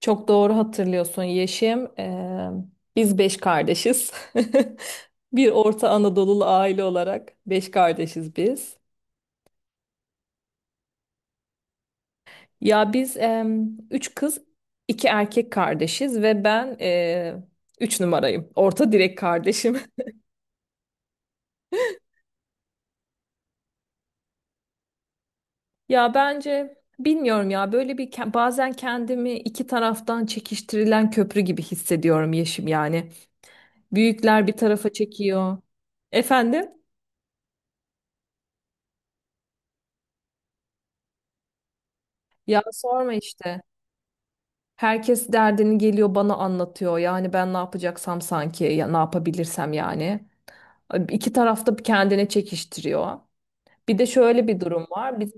Çok doğru hatırlıyorsun Yeşim. Biz beş kardeşiz. Bir Orta Anadolu'lu aile olarak beş kardeşiz biz. Ya biz üç kız, iki erkek kardeşiz ve ben üç numarayım. Orta direk kardeşim. Ya bence bilmiyorum ya böyle bazen kendimi iki taraftan çekiştirilen köprü gibi hissediyorum Yeşim yani. Büyükler bir tarafa çekiyor. Efendim? Ya sorma işte. Herkes derdini geliyor bana anlatıyor. Yani ben ne yapacaksam sanki ya ne yapabilirsem yani. İki tarafta kendine çekiştiriyor. Bir de şöyle bir durum var. Biz,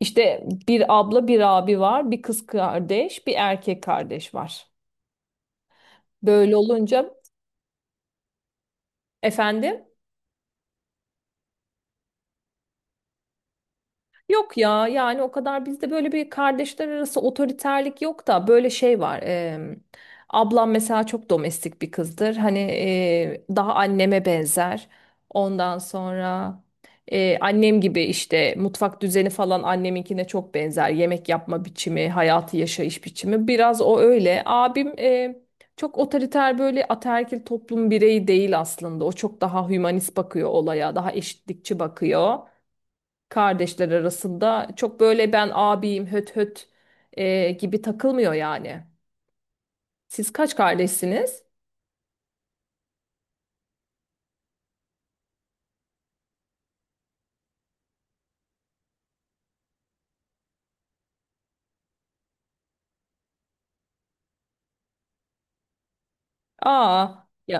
işte bir abla bir abi var. Bir kız kardeş bir erkek kardeş var. Böyle olunca efendim. Yok ya yani o kadar bizde böyle bir kardeşler arası otoriterlik yok da böyle şey var. Ablam mesela çok domestik bir kızdır. Hani daha anneme benzer. Ondan sonra annem gibi işte mutfak düzeni falan anneminkine çok benzer. Yemek yapma biçimi, hayatı yaşayış biçimi biraz o öyle. Abim çok otoriter böyle ataerkil toplum bireyi değil aslında. O çok daha hümanist bakıyor olaya, daha eşitlikçi bakıyor kardeşler arasında çok böyle ben abiyim höt höt gibi takılmıyor yani. Siz kaç kardeşsiniz? Aa, ya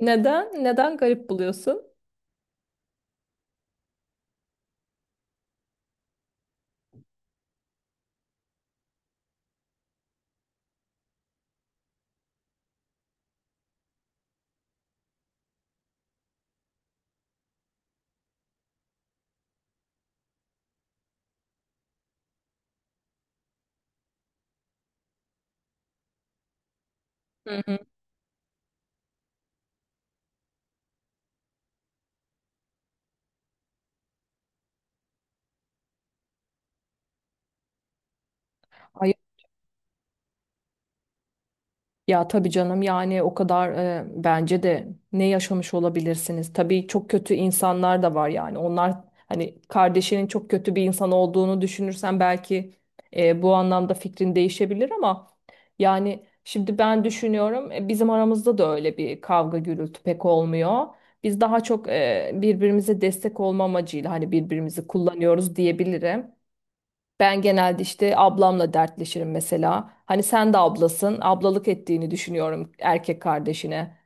neden garip buluyorsun? Hı hı. Ay, ya tabii canım yani o kadar bence de ne yaşamış olabilirsiniz. Tabii çok kötü insanlar da var yani. Onlar hani kardeşinin çok kötü bir insan olduğunu düşünürsen belki bu anlamda fikrin değişebilir ama yani şimdi ben düşünüyorum bizim aramızda da öyle bir kavga gürültü pek olmuyor. Biz daha çok birbirimize destek olma amacıyla hani birbirimizi kullanıyoruz diyebilirim. Ben genelde işte ablamla dertleşirim mesela. Hani sen de ablasın. Ablalık ettiğini düşünüyorum erkek kardeşine.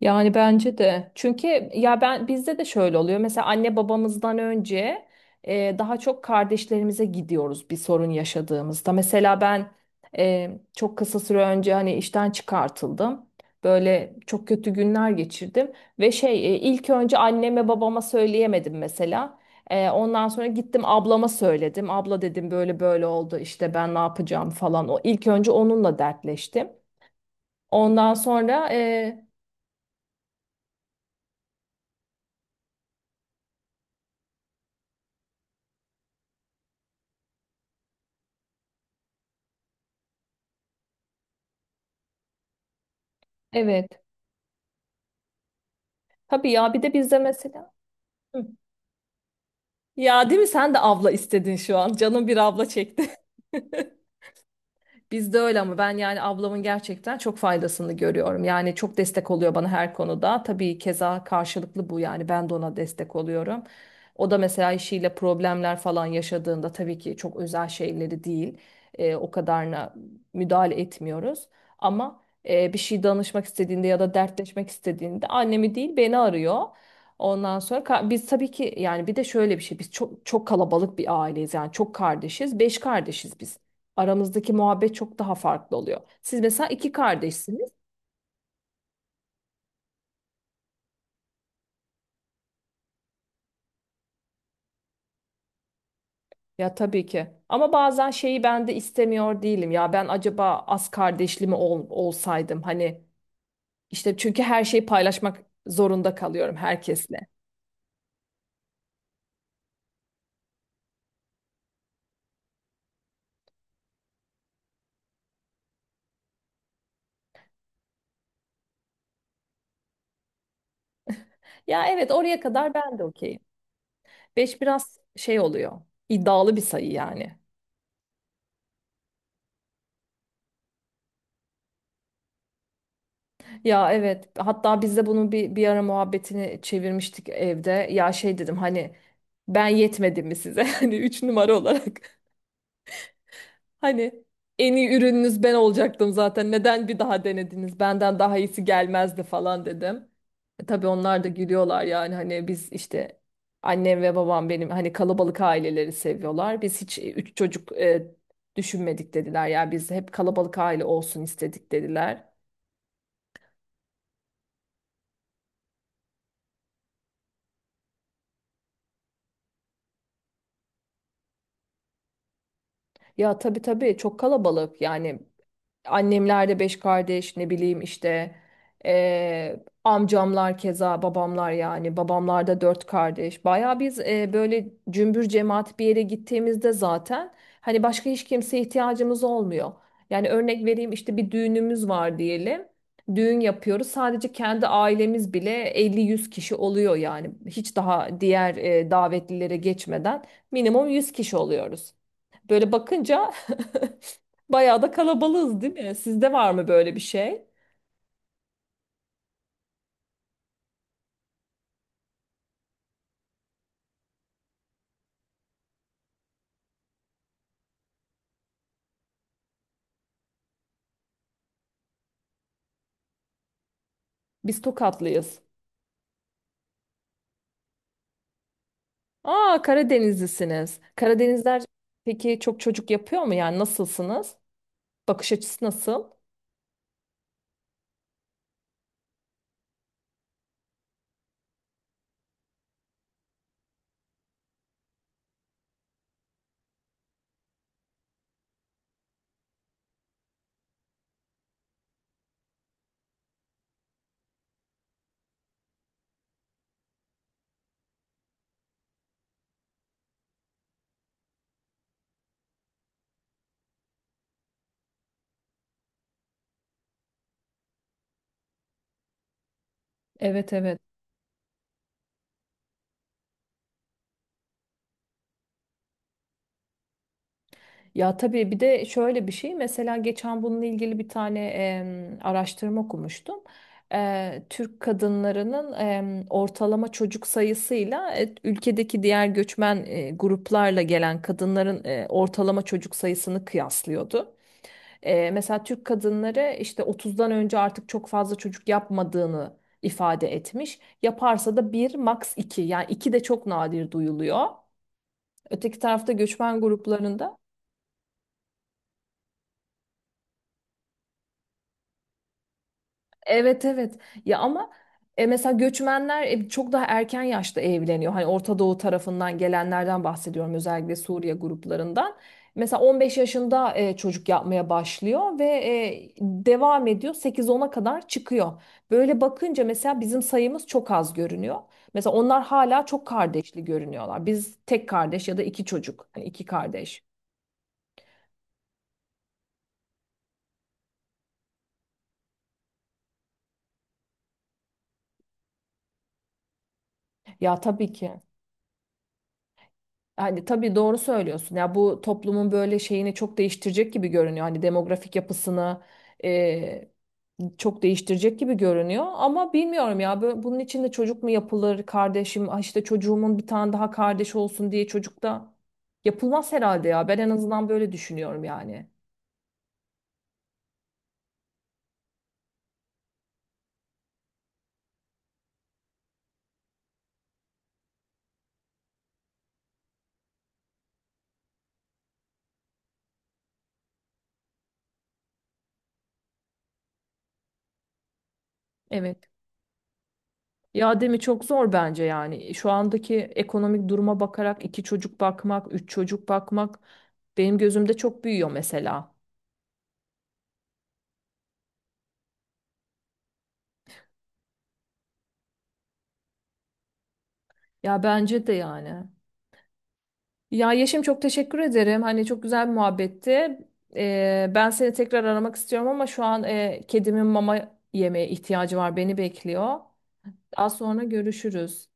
Yani bence de. Çünkü ya ben bizde de şöyle oluyor. Mesela anne babamızdan önce daha çok kardeşlerimize gidiyoruz bir sorun yaşadığımızda. Mesela ben çok kısa süre önce hani işten çıkartıldım. Böyle çok kötü günler geçirdim ve ilk önce anneme babama söyleyemedim mesela. Ondan sonra gittim ablama söyledim. Abla dedim böyle böyle oldu işte ben ne yapacağım falan. O ilk önce onunla dertleştim. Ondan sonra evet. Tabii ya bir de bizde mesela. Hı. Ya değil mi, sen de abla istedin şu an. Canım bir abla çekti. Bizde öyle ama ben yani ablamın gerçekten çok faydasını görüyorum. Yani çok destek oluyor bana her konuda. Tabii keza karşılıklı bu yani ben de ona destek oluyorum. O da mesela işiyle problemler falan yaşadığında tabii ki çok özel şeyleri değil. O kadarına müdahale etmiyoruz. Ama bir şey danışmak istediğinde ya da dertleşmek istediğinde annemi değil beni arıyor. Ondan sonra biz tabii ki yani bir de şöyle bir şey biz çok kalabalık bir aileyiz yani çok kardeşiz beş kardeşiz biz aramızdaki muhabbet çok daha farklı oluyor. Siz mesela iki kardeşsiniz. Ya tabii ki. Ama bazen şeyi ben de istemiyor değilim. Ya ben acaba az kardeşli olsaydım? Hani işte çünkü her şeyi paylaşmak zorunda kalıyorum herkesle. Ya evet, oraya kadar ben de okeyim. Beş biraz şey oluyor. İddialı bir sayı yani. Ya evet, hatta biz de bunun bir ara muhabbetini çevirmiştik evde. Ya şey dedim hani ben yetmedim mi size? Hani üç numara olarak. Hani en iyi ürününüz ben olacaktım zaten. Neden bir daha denediniz? Benden daha iyisi gelmezdi falan dedim. Tabii onlar da gülüyorlar yani hani biz işte annem ve babam benim hani kalabalık aileleri seviyorlar. Biz hiç üç çocuk düşünmedik dediler. Yani biz hep kalabalık aile olsun istedik dediler. Ya tabii tabii, çok kalabalık yani annemler de beş kardeş ne bileyim işte amcamlar keza babamlar yani babamlar da dört kardeş. Baya biz böyle cümbür cemaat bir yere gittiğimizde zaten hani başka hiç kimseye ihtiyacımız olmuyor. Yani örnek vereyim işte bir düğünümüz var diyelim. Düğün yapıyoruz sadece kendi ailemiz bile 50-100 kişi oluyor yani hiç daha diğer davetlilere geçmeden minimum 100 kişi oluyoruz. Böyle bakınca bayağı da kalabalığız değil mi? Sizde var mı böyle bir şey? Biz Tokatlıyız. Aa Karadenizlisiniz. Karadenizler peki çok çocuk yapıyor mu? Yani nasılsınız? Bakış açısı nasıl? Evet, evet. Ya tabii bir de şöyle bir şey mesela geçen bununla ilgili bir tane araştırma okumuştum. Türk kadınlarının ortalama çocuk sayısıyla ülkedeki diğer göçmen gruplarla gelen kadınların ortalama çocuk sayısını kıyaslıyordu. Mesela Türk kadınları işte 30'dan önce artık çok fazla çocuk yapmadığını ifade etmiş. Yaparsa da bir max iki yani iki de çok nadir duyuluyor. Öteki tarafta göçmen gruplarında evet evet, ya ama mesela göçmenler çok daha erken yaşta evleniyor. Hani Orta Doğu tarafından gelenlerden bahsediyorum özellikle Suriye gruplarından. Mesela 15 yaşında çocuk yapmaya başlıyor ve devam ediyor 8-10'a kadar çıkıyor. Böyle bakınca mesela bizim sayımız çok az görünüyor. Mesela onlar hala çok kardeşli görünüyorlar. Biz tek kardeş ya da iki çocuk, hani iki kardeş. Ya tabii ki. Hani tabii doğru söylüyorsun. Ya bu toplumun böyle şeyini çok değiştirecek gibi görünüyor. Hani demografik yapısını e, çok değiştirecek gibi görünüyor. Ama bilmiyorum ya bunun için de çocuk mu yapılır kardeşim? Ah işte çocuğumun bir tane daha kardeş olsun diye çocuk da yapılmaz herhalde ya. Ben en azından böyle düşünüyorum yani. Evet. Ya değil mi, çok zor bence yani. Şu andaki ekonomik duruma bakarak iki çocuk bakmak, üç çocuk bakmak benim gözümde çok büyüyor mesela. Ya bence de yani. Ya Yeşim çok teşekkür ederim. Hani çok güzel bir muhabbetti. Ben seni tekrar aramak istiyorum ama şu an kedimin mama yemeye ihtiyacı var. Beni bekliyor. Daha sonra görüşürüz.